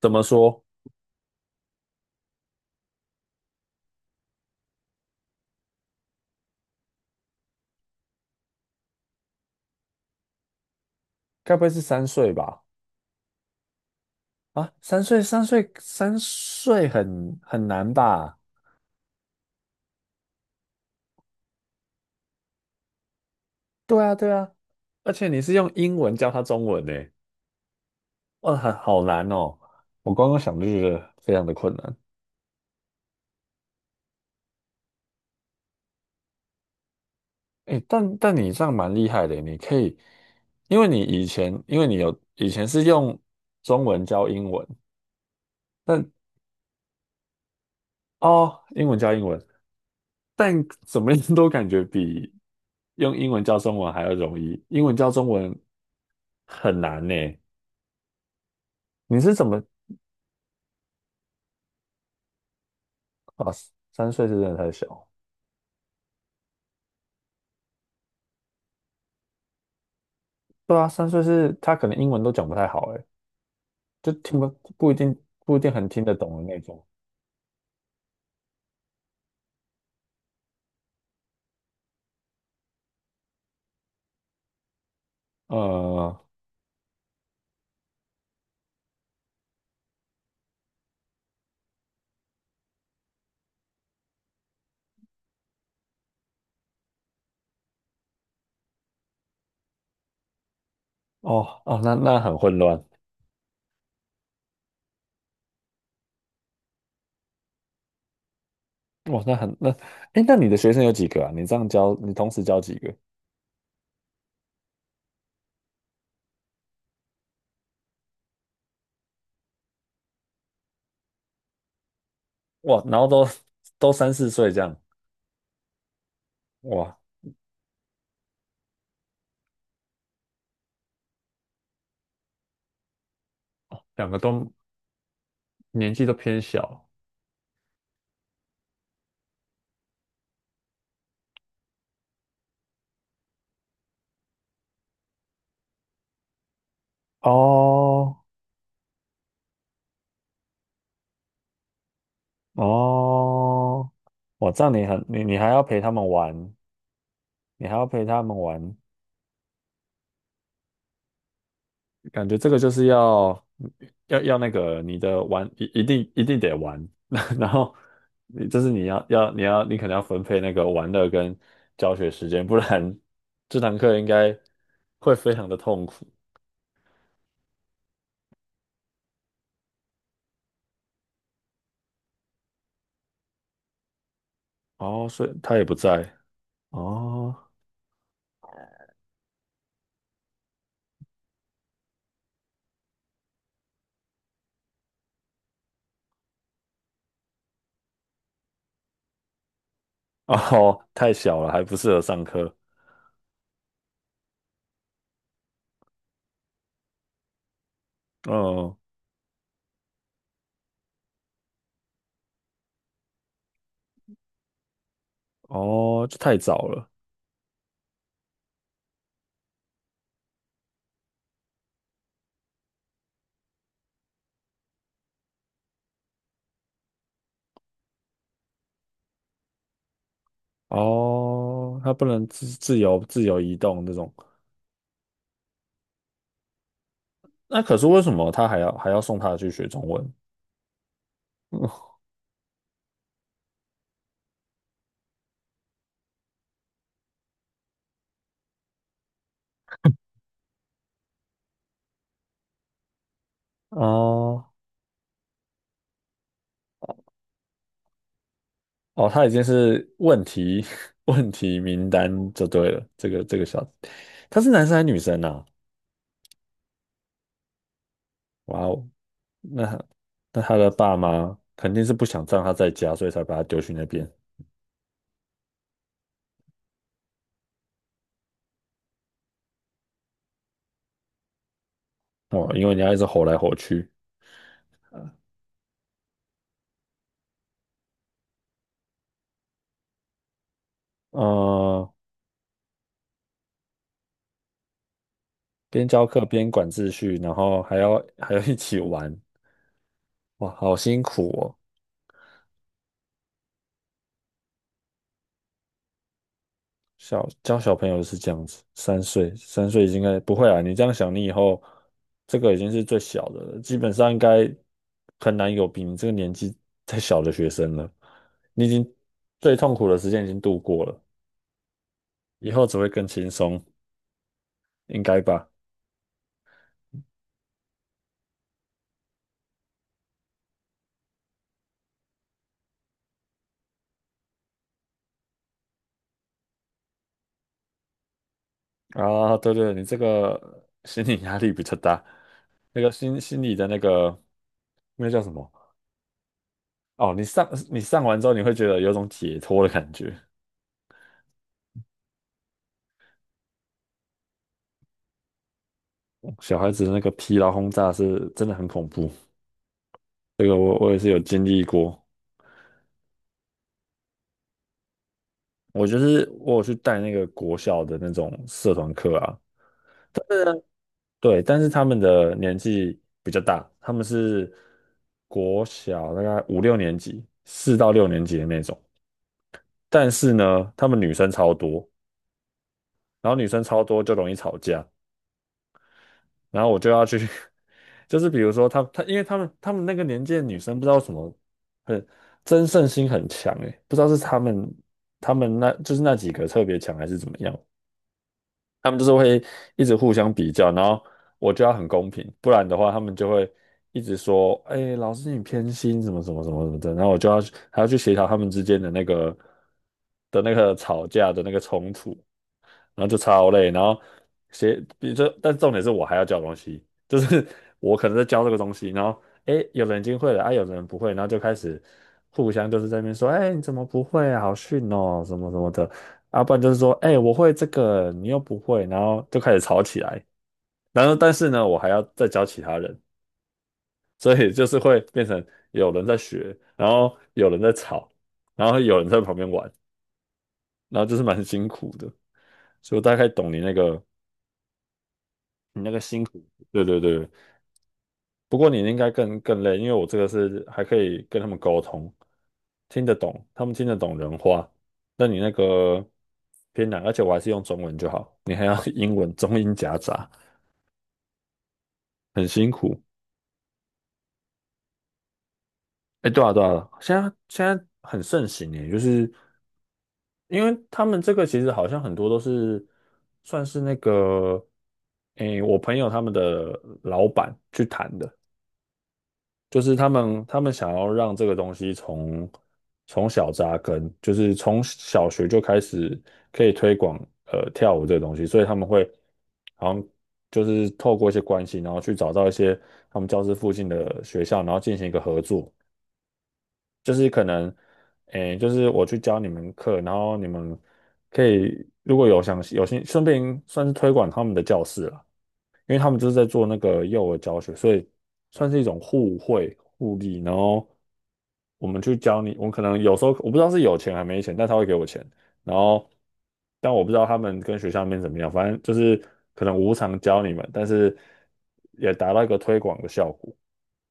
怎么说？该不会是三岁吧？啊，三岁，三岁，三岁很难吧？对啊，对啊，而且你是用英文教他中文呢，哇，很好难哦。我刚刚想就觉得非常的困难。诶，但你这样蛮厉害的，你可以，因为你以前，因为你有以前是用中文教英文，但哦，英文教英文，但怎么样都感觉比用英文教中文还要容易，英文教中文很难呢。你是怎么？啊？三岁是真的太小，对啊，三岁是他可能英文都讲不太好，哎，就听不不一定不一定很听得懂的那种。呃，哦哦，那很混乱，哇，那很那，哎，那你的学生有几个啊？你这样教，你同时教几个？哇，然后都三四岁这样，哇，两个都年纪都偏小。哦，哦，哇，这样你很你你还要陪他们玩，你还要陪他们玩，感觉这个就是要那个你的玩一定得玩，然后你这是你要要你要你可能要分配那个玩乐跟教学时间，不然这堂课应该会非常的痛苦。哦，所以他也不在。哦 哦，太小了，还不适合上课。嗯，哦，这太早了。哦，他不能自由移动这种。那可是为什么他还要送他去学中文？哦哦，他已经是问题 问题名单就对了。这个小子他是男生还是女生啊？哇哦，那他的爸妈肯定是不想让他在家，所以才把他丢去那边哦。因为你要一直吼来吼去，嗯，边教课边管秩序，然后还要一起玩，哇，好辛苦哦。小教小朋友是这样子，三岁，三岁应该不会啊。你这样想，你以后这个已经是最小的了，基本上应该很难有比你这个年纪再小的学生了。你已经最痛苦的时间已经度过了，以后只会更轻松，应该吧？啊，对对，你这个心理压力比较大，那个心理的那个那叫什么？哦，你上你上完之后，你会觉得有种解脱的感觉。小孩子的那个疲劳轰炸是真的很恐怖。这个我也是有经历过，我就是我有去带那个国小的那种社团课啊，对，但是他们的年纪比较大，他们是国小大概五六年级，四到六年级的那种，但是呢，他们女生超多，然后女生超多就容易吵架，然后我就要去，就是比如说他，因为他们那个年纪的女生不知道什么争胜心很强诶，不知道是他们那就是那几个特别强还是怎么样。他们就是会一直互相比较，然后我就要很公平，不然的话他们就会一直说，哎，老师你偏心什么什么什么什么的，然后我就要还要去协调他们之间的那个的那个吵架的那个冲突。然后就超累，然后写，比如说，但重点是我还要教东西，就是 我可能在教这个东西，然后诶，有人已经会了啊，有人不会，然后就开始互相就是在那边说，哎，你怎么不会啊？好逊哦，什么什么的，啊，不然就是说，哎，我会这个，你又不会，然后就开始吵起来，然后但是呢，我还要再教其他人，所以就是会变成有人在学，然后有人在吵，然后有人在旁边玩，然后就是蛮辛苦的，所以我大概懂你那个。你那个辛苦，对对对。不过你应该更累，因为我这个是还可以跟他们沟通，听得懂，他们听得懂人话。那你那个偏难，而且我还是用中文就好，你还要 英文中英夹杂，很辛苦。哎，对啊对啊，现在很盛行耶，就是因为他们这个其实好像很多都是算是那个，哎，我朋友他们的老板去谈的。就是他们想要让这个东西从小扎根，就是从小学就开始可以推广跳舞这个东西，所以他们会好像就是透过一些关系，然后去找到一些他们教室附近的学校，然后进行一个合作，就是可能诶，就是我去教你们课，然后你们可以如果有想有兴顺便算是推广他们的教室了。因为他们就是在做那个幼儿教学，所以算是一种互惠互利。然后我们去教你，我可能有时候我不知道是有钱还没钱，但他会给我钱。然后，但我不知道他们跟学校那边怎么样，反正就是可能无偿教你们，但是也达到一个推广的效果，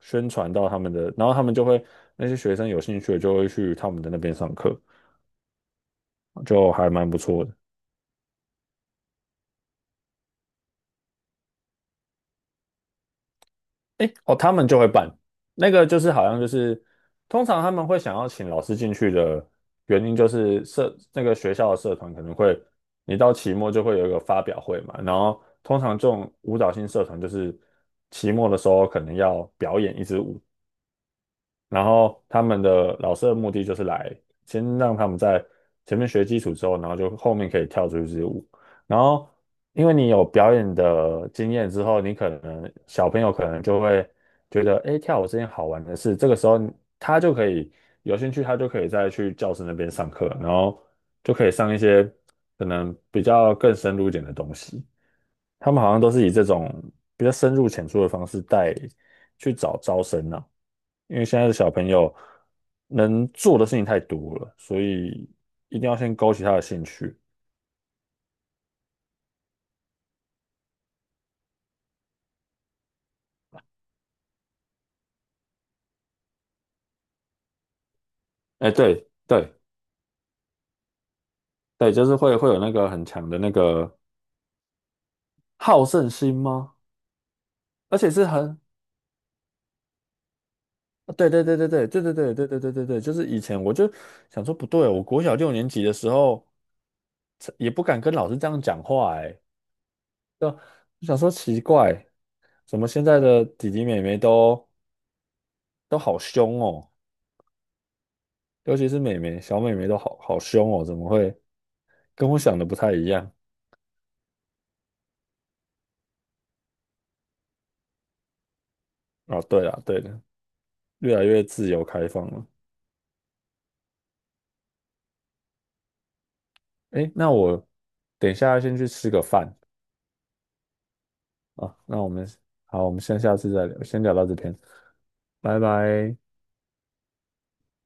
宣传到他们的，然后他们就会那些学生有兴趣的就会去他们的那边上课，就还蛮不错的。诶，哦，他们就会办那个，就是好像就是，通常他们会想要请老师进去的原因，就是社那个学校的社团可能会，你到期末就会有一个发表会嘛，然后通常这种舞蹈性社团就是期末的时候可能要表演一支舞，然后他们的老师的目的就是来先让他们在前面学基础之后，然后就后面可以跳出去支舞。然后因为你有表演的经验之后，你可能小朋友可能就会觉得，哎，跳舞是件好玩的事。这个时候他就可以有兴趣，他就可以再去教室那边上课，然后就可以上一些可能比较更深入一点的东西。他们好像都是以这种比较深入浅出的方式带去找招生啊。因为现在的小朋友能做的事情太多了，所以一定要先勾起他的兴趣。哎，对对对，就是会有那个很强的那个好胜心吗？而且是很，对对对对对对对对对对对对对，就是以前我就想说不对，我国小六年级的时候也不敢跟老师这样讲话，哎，就想说奇怪，怎么现在的弟弟妹妹都好凶哦，尤其是妹妹，小妹妹都好好凶哦，怎么会？跟我想的不太一样啊。对了，对了，越来越自由开放了。诶，那我等一下先去吃个饭啊。那我们好，我们先下次再聊，先聊到这边，拜拜。